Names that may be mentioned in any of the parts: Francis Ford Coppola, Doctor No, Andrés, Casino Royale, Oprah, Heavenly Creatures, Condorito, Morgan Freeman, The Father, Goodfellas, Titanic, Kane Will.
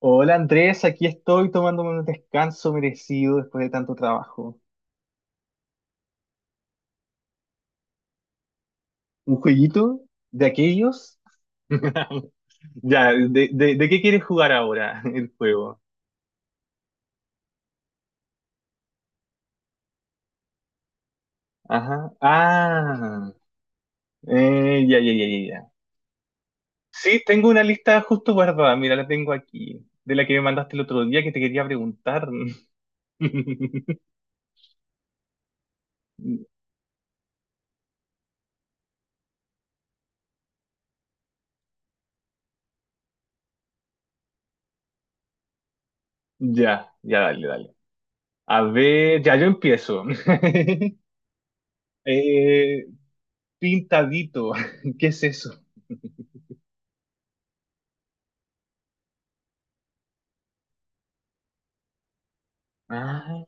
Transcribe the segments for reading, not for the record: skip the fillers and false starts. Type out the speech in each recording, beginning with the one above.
Hola Andrés, aquí estoy tomándome un descanso merecido después de tanto trabajo. ¿Un jueguito de aquellos? Ya, ¿de qué quieres jugar ahora el juego? Ajá. Ah, ya, ya, ya, ya, ya. Sí, tengo una lista justo guardada, mira, la tengo aquí, de la que me mandaste el otro día que te quería preguntar. Ya, ya, dale, dale. A ver, ya yo empiezo. Eh, pintadito, ¿qué es eso? Ah,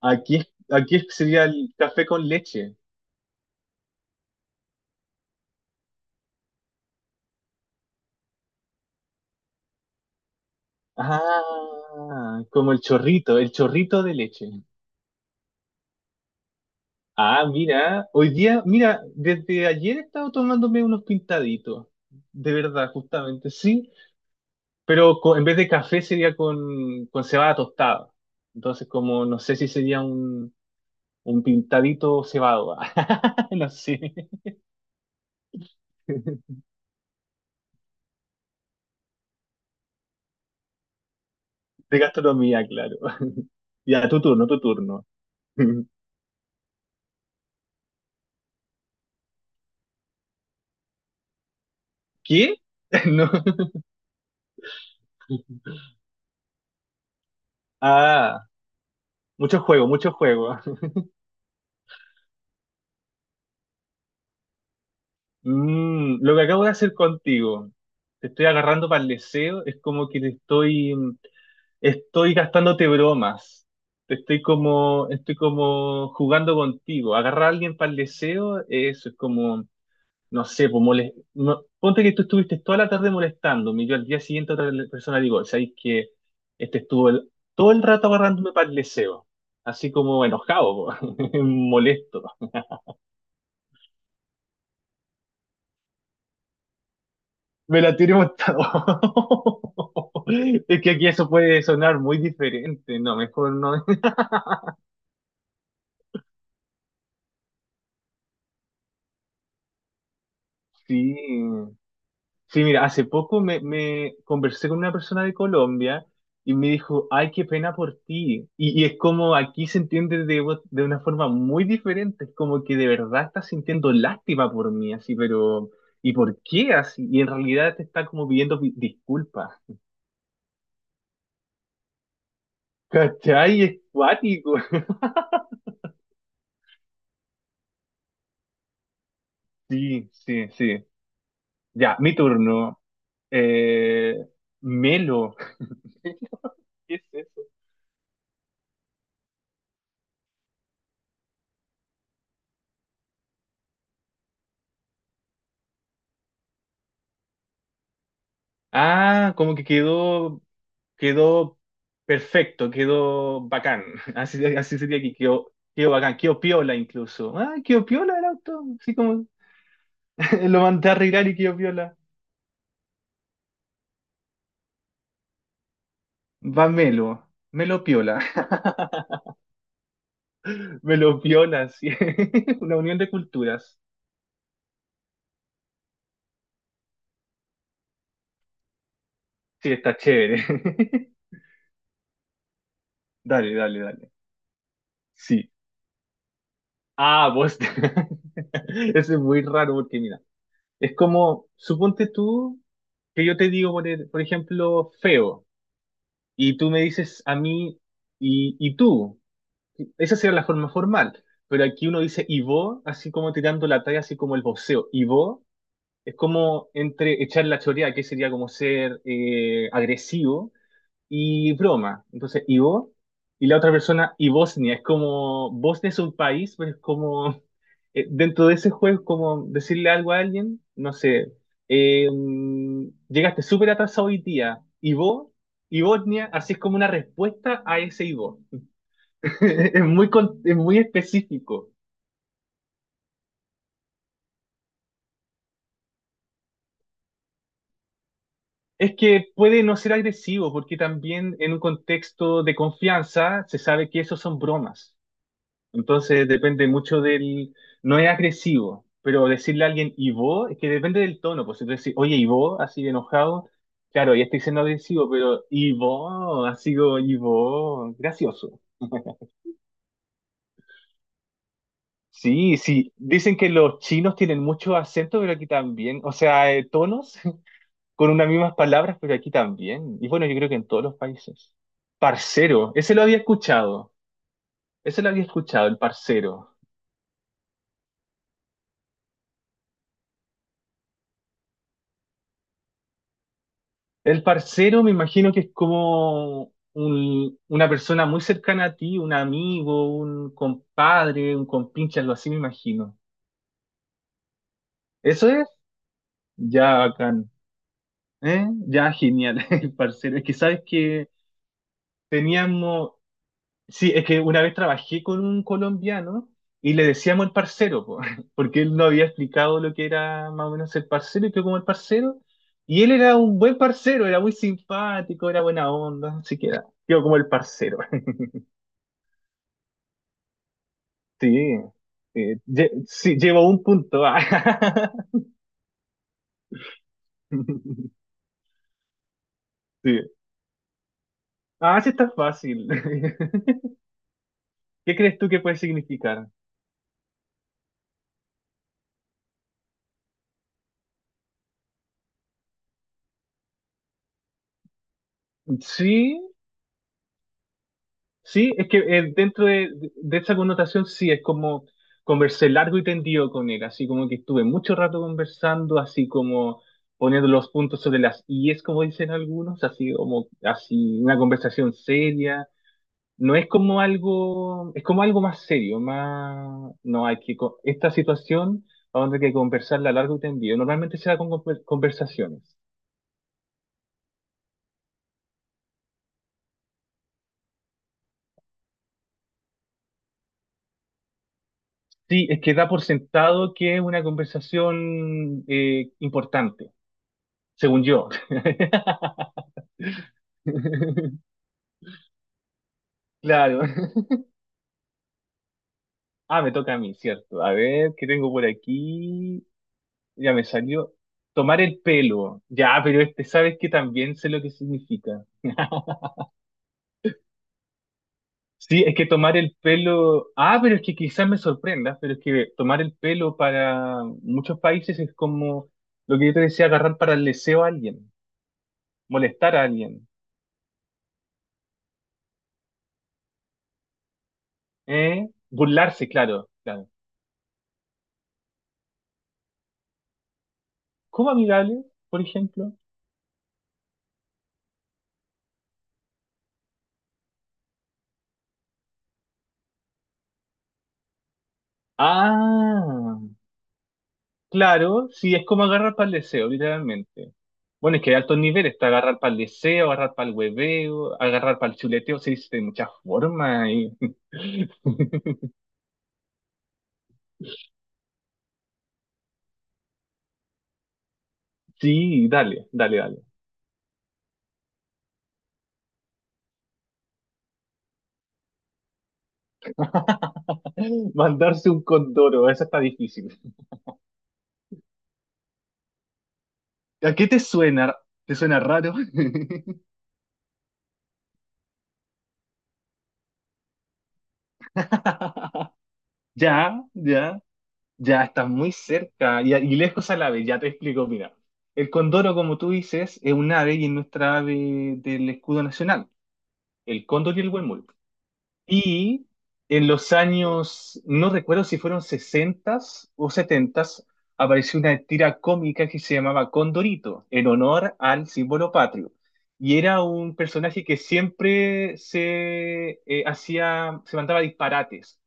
aquí sería el café con leche. Ah, como el chorrito de leche. Ah, mira, hoy día, mira, desde ayer he estado tomándome unos pintaditos, de verdad, justamente, sí, pero en vez de café sería con cebada tostada. Entonces, como no sé si sería un pintadito cebado, no sé, de gastronomía, claro. Ya, tu turno, tu turno. ¿Qué? No. Ah, mucho juego, mucho juego. Mm, lo que acabo de hacer contigo, te estoy agarrando para el deseo, es como que estoy gastándote bromas. Te estoy como jugando contigo. Agarrar a alguien para el deseo, eso es como no sé, pues ponte que tú estuviste toda la tarde molestándome y yo al día siguiente otra persona digo, ¿sabes que este estuvo todo el rato agarrándome para el deseo, así como enojado, po, molesto? Me la tiré montado. Es que aquí eso puede sonar muy diferente, no, mejor no. Sí. Sí, mira, hace poco me conversé con una persona de Colombia y me dijo, ay, qué pena por ti. Y es como aquí se entiende de, de una forma muy diferente, es como que de verdad estás sintiendo lástima por mí, así, pero ¿y por qué así? Y en realidad te está como pidiendo disculpas. ¿Cachai? Es cuático. Sí, sí, sí. Ya, mi turno. Eh, Melo. ¿Qué es eso? Ah, como que quedó perfecto, quedó bacán. Así, así sería que quedó bacán, quedó piola incluso. Ah, quedó piola el auto, así como lo mandé a arreglar y quedó piola. Va Melo, Melo piola, Melo piola, sí. Una unión de culturas. Sí, está chévere. Dale, dale, dale. Sí. Ah, vos. Eso es muy raro porque mira, es como, suponte tú que yo te digo, por, por ejemplo, feo. Y tú me dices a mí, y tú. Esa sería la forma formal. Pero aquí uno dice y vos, así como tirando la talla, así como el voceo. Y vos es como entre echar la choreada, que sería como ser agresivo, y broma. Entonces, y la otra persona, y Bosnia. Es como, Bosnia es un país, pero es como, dentro de ese juego, es como decirle algo a alguien, no sé, eh, llegaste súper atrasado hoy día, y vos, y Bosnia, así es como una respuesta a ese y. Es muy, es muy específico. Es que puede no ser agresivo, porque también en un contexto de confianza se sabe que esos son bromas. Entonces depende mucho del... No es agresivo, pero decirle a alguien ¿y vos? Es que depende del tono. Pues si tú decís, oye, ¿y vos? Así de enojado. Claro, ya estoy siendo agresivo, pero ¿y vos? Así como, ¿y vos? Gracioso. Sí, sí. Dicen que los chinos tienen mucho acento, pero aquí también. O sea, tonos con unas mismas palabras, pero aquí también. Y bueno, yo creo que en todos los países. Parcero, ese lo había escuchado. Ese lo había escuchado, el parcero. El parcero me imagino que es como una persona muy cercana a ti, un amigo, un compadre, un compinche, algo así me imagino. ¿Eso es? Ya bacán. ¿Eh? Ya genial, el parcero. Es que sabes que teníamos, sí, es que una vez trabajé con un colombiano y le decíamos el parcero, po, porque él no había explicado lo que era más o menos el parcero y que como el parcero. Y él era un buen parcero, era muy simpático, era buena onda, así que era, quedó como el parcero. Sí, sí, llevo un punto. Ah, sí. Ah, sí está fácil. ¿Qué crees tú que puede significar? Sí, sí, es que dentro de esa connotación sí, es como conversé largo y tendido con él, así como que estuve mucho rato conversando, así como poniendo los puntos sobre las es como dicen algunos, así como así una conversación seria. No es como algo, es como algo más serio, más, no hay que, esta situación vamos a tener que conversarla largo y tendido. Normalmente se da con conversaciones. Sí, es que da por sentado que es una conversación importante, según yo. Claro. Ah, me toca a mí, cierto. A ver, ¿qué tengo por aquí? Ya me salió. Tomar el pelo. Ya, pero este, ¿sabes que también sé lo que significa? Sí, es que tomar el pelo, ah, pero es que quizás me sorprenda, pero es que tomar el pelo para muchos países es como lo que yo te decía, agarrar para el deseo a alguien, molestar a alguien, ¿eh? Burlarse, claro, claro. ¿Cómo amigable, por ejemplo? Ah, claro, sí, es como agarrar para el deseo, literalmente. Bueno, es que hay altos niveles, está agarrar para el deseo, agarrar para el hueveo, agarrar para el chuleteo, se dice de muchas formas. Sí, dale, dale, dale. Mandarse un condoro, eso está difícil. ¿A qué te suena? ¿Te suena raro? Ya, ya, ya, estás muy cerca. Y lejos al ave, ya te explico, mira. El condoro, como tú dices, es un ave y es nuestra ave del escudo nacional, el cóndor y el huemul. Y en los años, no recuerdo si fueron 60 o 70, apareció una tira cómica que se llamaba Condorito, en honor al símbolo patrio. Y era un personaje que siempre se se mandaba disparates.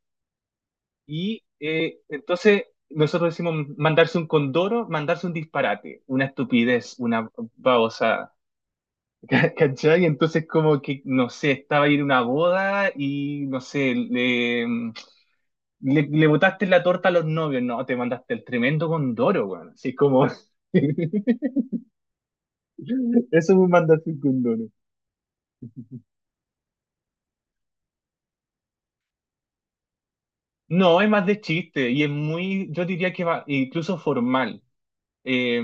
Y entonces nosotros decimos mandarse un condoro, mandarse un disparate, una estupidez, una babosa. ¿Cachai? Entonces como que, no sé, estaba ahí en una boda y, no sé, le, mm, le botaste la torta a los novios, no, te mandaste el tremendo condoro, weón. Así como... Eso me mandaste un condoro. No, es más de chiste y es muy, yo diría que va, incluso formal. Eh,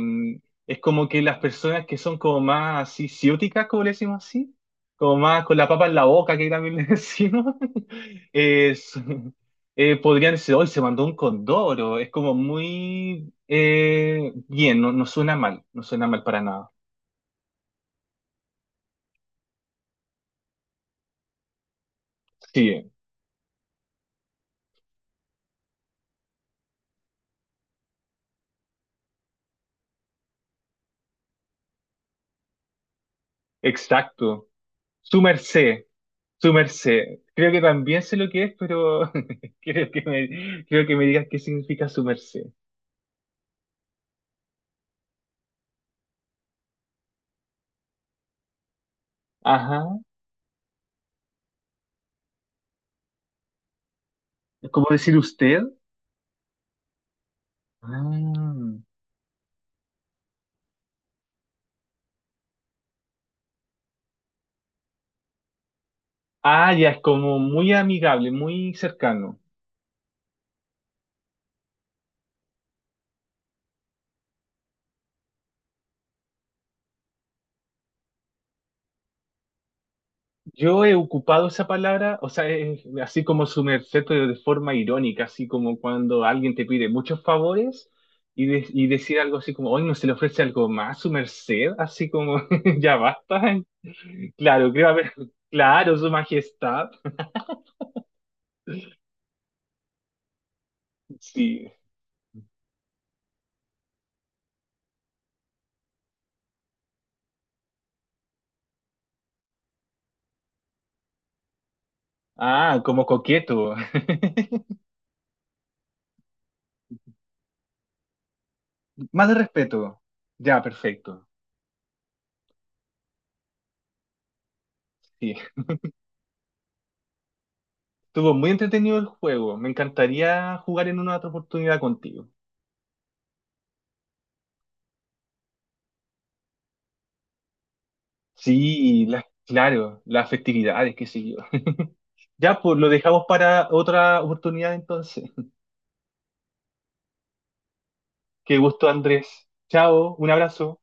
es como que las personas que son como más así, ciúticas, como le decimos así, como más con la papa en la boca, que también le decimos, es, podrían decir, hoy se mandó un condoro, es como muy bien, no, no suena mal, no suena mal para nada. Sí, exacto. Su merced, su merced. Creo que también sé lo que es, pero creo que me digas qué significa su merced. Ajá. ¿Cómo decir usted? Ah. Ah, ya es como muy amigable, muy cercano. Yo he ocupado esa palabra, o sea, es así como su merced pero de forma irónica, así como cuando alguien te pide muchos favores y decir algo así como, hoy no se le ofrece algo más, su merced, así como, ya basta. Claro, creo haber, claro, su majestad. Sí. Ah, como coqueto. Más de respeto. Ya, perfecto. Sí. Estuvo muy entretenido el juego. Me encantaría jugar en una otra oportunidad contigo. Sí, las, claro, las festividades, qué sé yo. Ya, pues lo dejamos para otra oportunidad entonces. Qué gusto, Andrés. Chao, un abrazo.